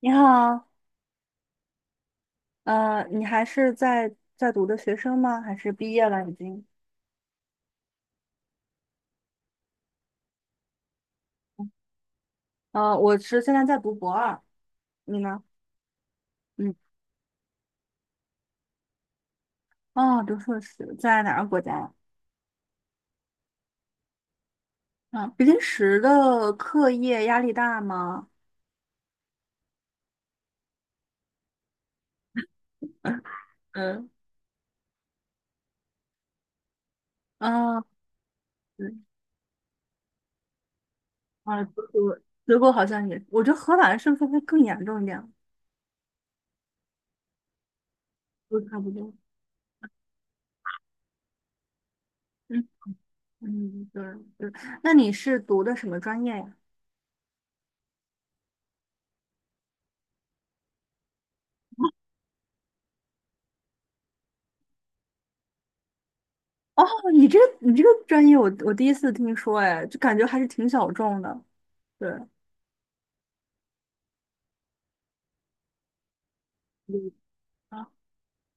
你好。你还是在读的学生吗？还是毕业了已经？我是现在在读博二，你呢？嗯。哦，读硕士，在哪个国家呀？啊，比利时的课业压力大吗？嗯，啊，对，啊，德国，德国好像也，我觉得荷兰是不是会更严重一点？都差不多。嗯嗯，对对。那你是读的什么专业呀？哦，你这个专业我第一次听说，哎，就感觉还是挺小众的。对。嗯啊，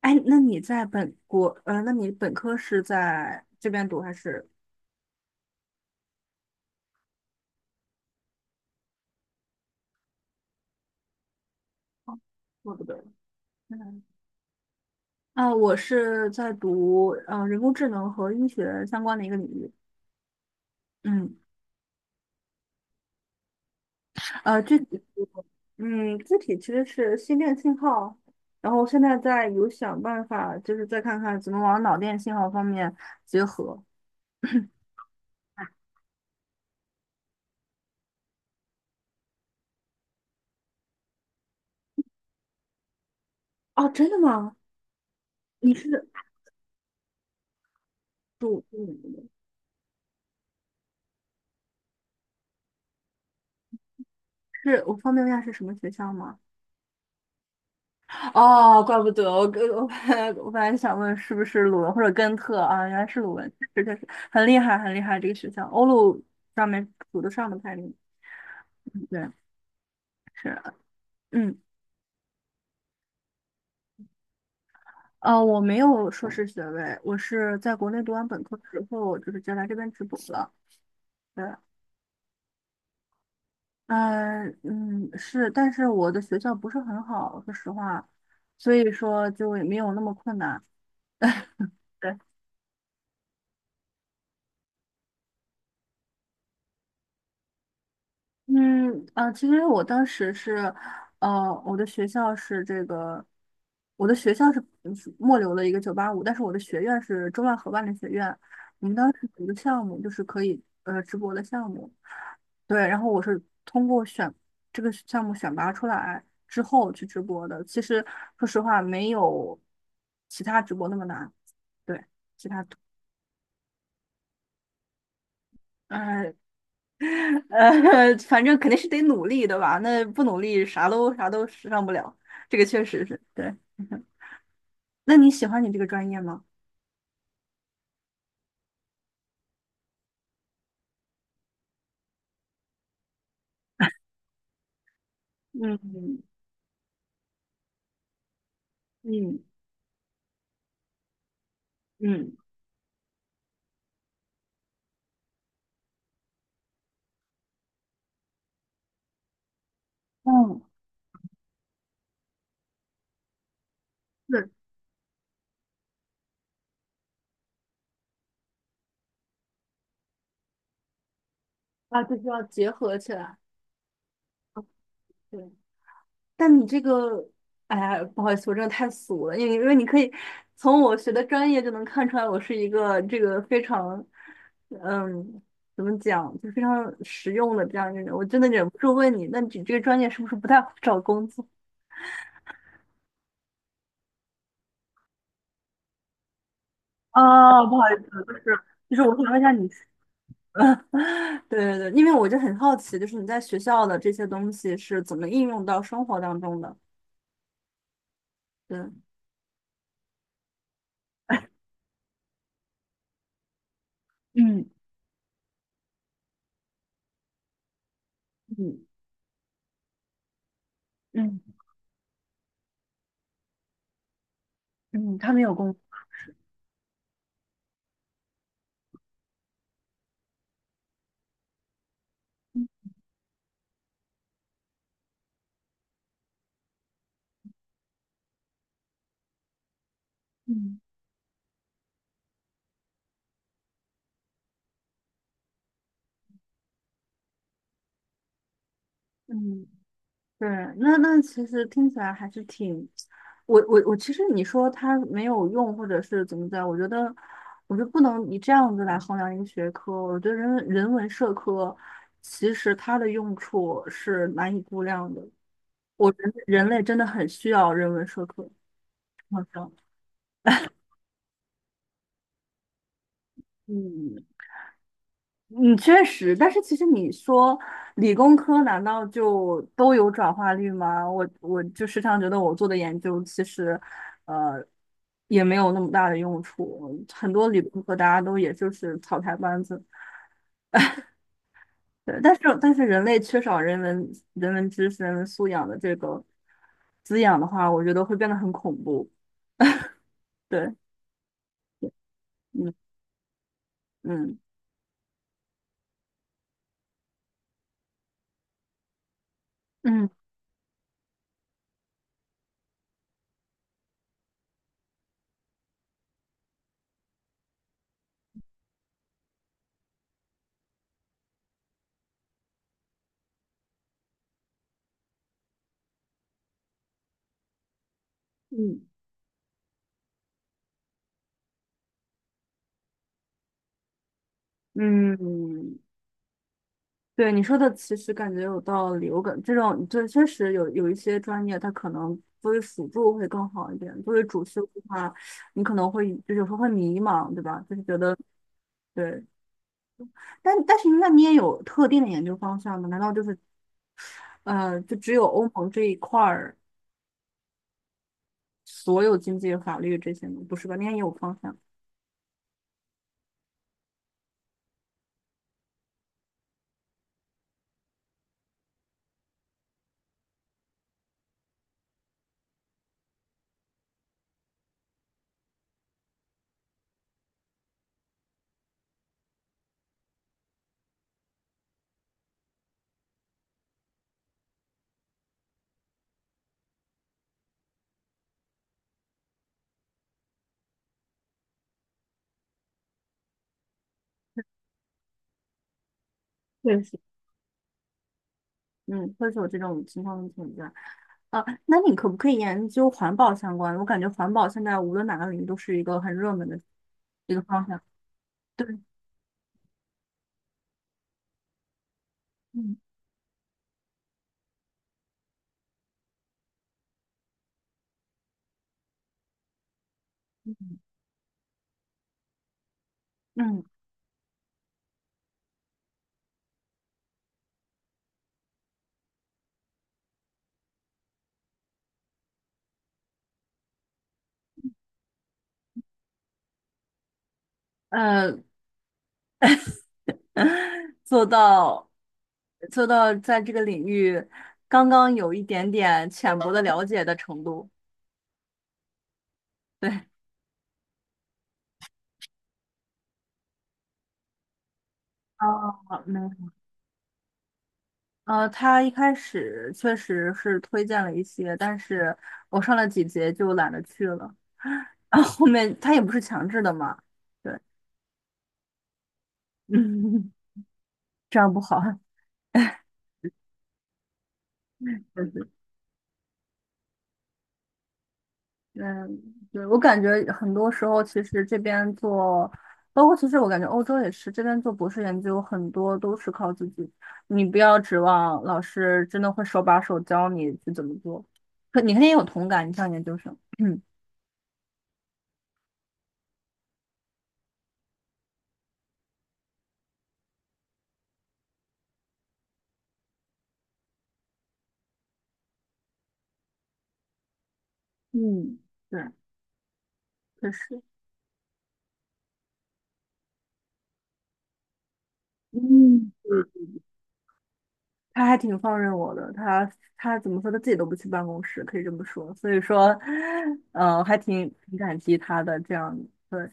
哎，那你在本国，那你本科是在这边读还是？哦我不对，嗯，啊，我是在读人工智能和医学相关的一个领域。嗯，呃，具体，嗯，具体其实是心电信号，然后现在在有想办法，就是再看看怎么往脑电信号方面结合。哦，真的吗？你是读，嗯，是我方便问一下是什么学校吗？哦，怪不得我跟我本来 我本来想问是不是鲁文或者根特啊，原来是鲁文，确实很厉害这个学校，欧陆上面数得上的排名。对，是，嗯，我没有硕士学位，我是在国内读完本科之后，就是直接来这边直博了。对，嗯嗯，是，但是我的学校不是很好，说实话，所以说就也没有那么困难。嗯，啊，其实我当时是，呃，我的学校是这个，我的学校是是末流的一个九八五，但是我的学院是中外合办的学院。我们当时有个项目就是可以直播的项目，对，然后我是通过选这个项目选拔出来之后去直播的。其实说实话，没有其他直播那么难。对，呃，反正肯定是得努力，的吧？那不努力，啥都上不了。这个确实是对。那你喜欢你这个专业吗？嗯嗯嗯，嗯，是啊，就是要结合起来。对，但你这个，哎呀，不好意思，我真的太俗了，因为你可以从我学的专业就能看出来，我是一个这个非常，嗯，怎么讲，就非常实用的这样一个人。我真的忍不住问你，那你这个专业是不是不太好找工作？啊，不好意思，就是我想问一下你。对对对，因为我就很好奇，就是你在学校的这些东西是怎么应用到生活当中的？对，嗯嗯嗯嗯，他们有共，嗯嗯，对，那那其实听起来还是挺，我其实你说它没有用，或者是怎么的，我觉得我就不能以这样子来衡量一个学科。我觉得人文社科其实它的用处是难以估量的。我人类真的很需要人文社科，好像，嗯嗯，确实，但是其实你说理工科难道就都有转化率吗？我就时常觉得我做的研究其实，呃，也没有那么大的用处，很多理工科大家都也就是草台班子，对，但是人类缺少人文知识、人文素养的这个滋养的话，我觉得会变得很恐怖，对，嗯嗯。嗯嗯嗯，对你说的，其实感觉有道理。我感这种这确实有一些专业，它可能作为辅助会更好一点。作为主修的话，你可能会就有时候会迷茫，对吧？就是觉得对，但但是那你也有特定的研究方向吗？难道就是就只有欧盟这一块儿所有经济、法律这些吗？不是吧？你也有方向。确实。嗯，会是有这种情况的存在。啊，那你可不可以研究环保相关的，我感觉环保现在无论哪个领域都是一个很热门的一个方向。对，嗯嗯呃，做到做到在这个领域刚刚有一点点浅薄的了解的程度。对，哦，没有。他一开始确实是推荐了一些，但是我上了几节就懒得去了。然后后面他也不是强制的嘛。对。嗯，这样不好。嗯，嗯对，我感觉很多时候，其实这边做，包括其实我感觉欧洲也是，这边做博士研究很多都是靠自己，你不要指望老师真的会手把手教你去怎么做，可你肯定有同感，你像研究生，嗯嗯对，确实，嗯，嗯，他还挺放任我的，他怎么说，他自己都不去办公室，可以这么说，所以说，还挺感激他的这样，对，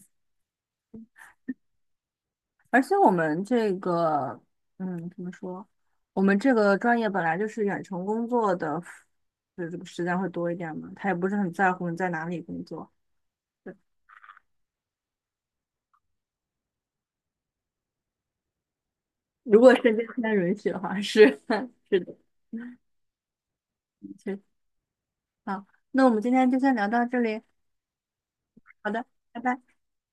而且我们这个，嗯，怎么说？我们这个专业本来就是远程工作的，就这个时间会多一点嘛。他也不是很在乎你在哪里工作。对，如果时间允许的话，是 是的，确好，那我们今天就先聊到这里。好的，拜拜。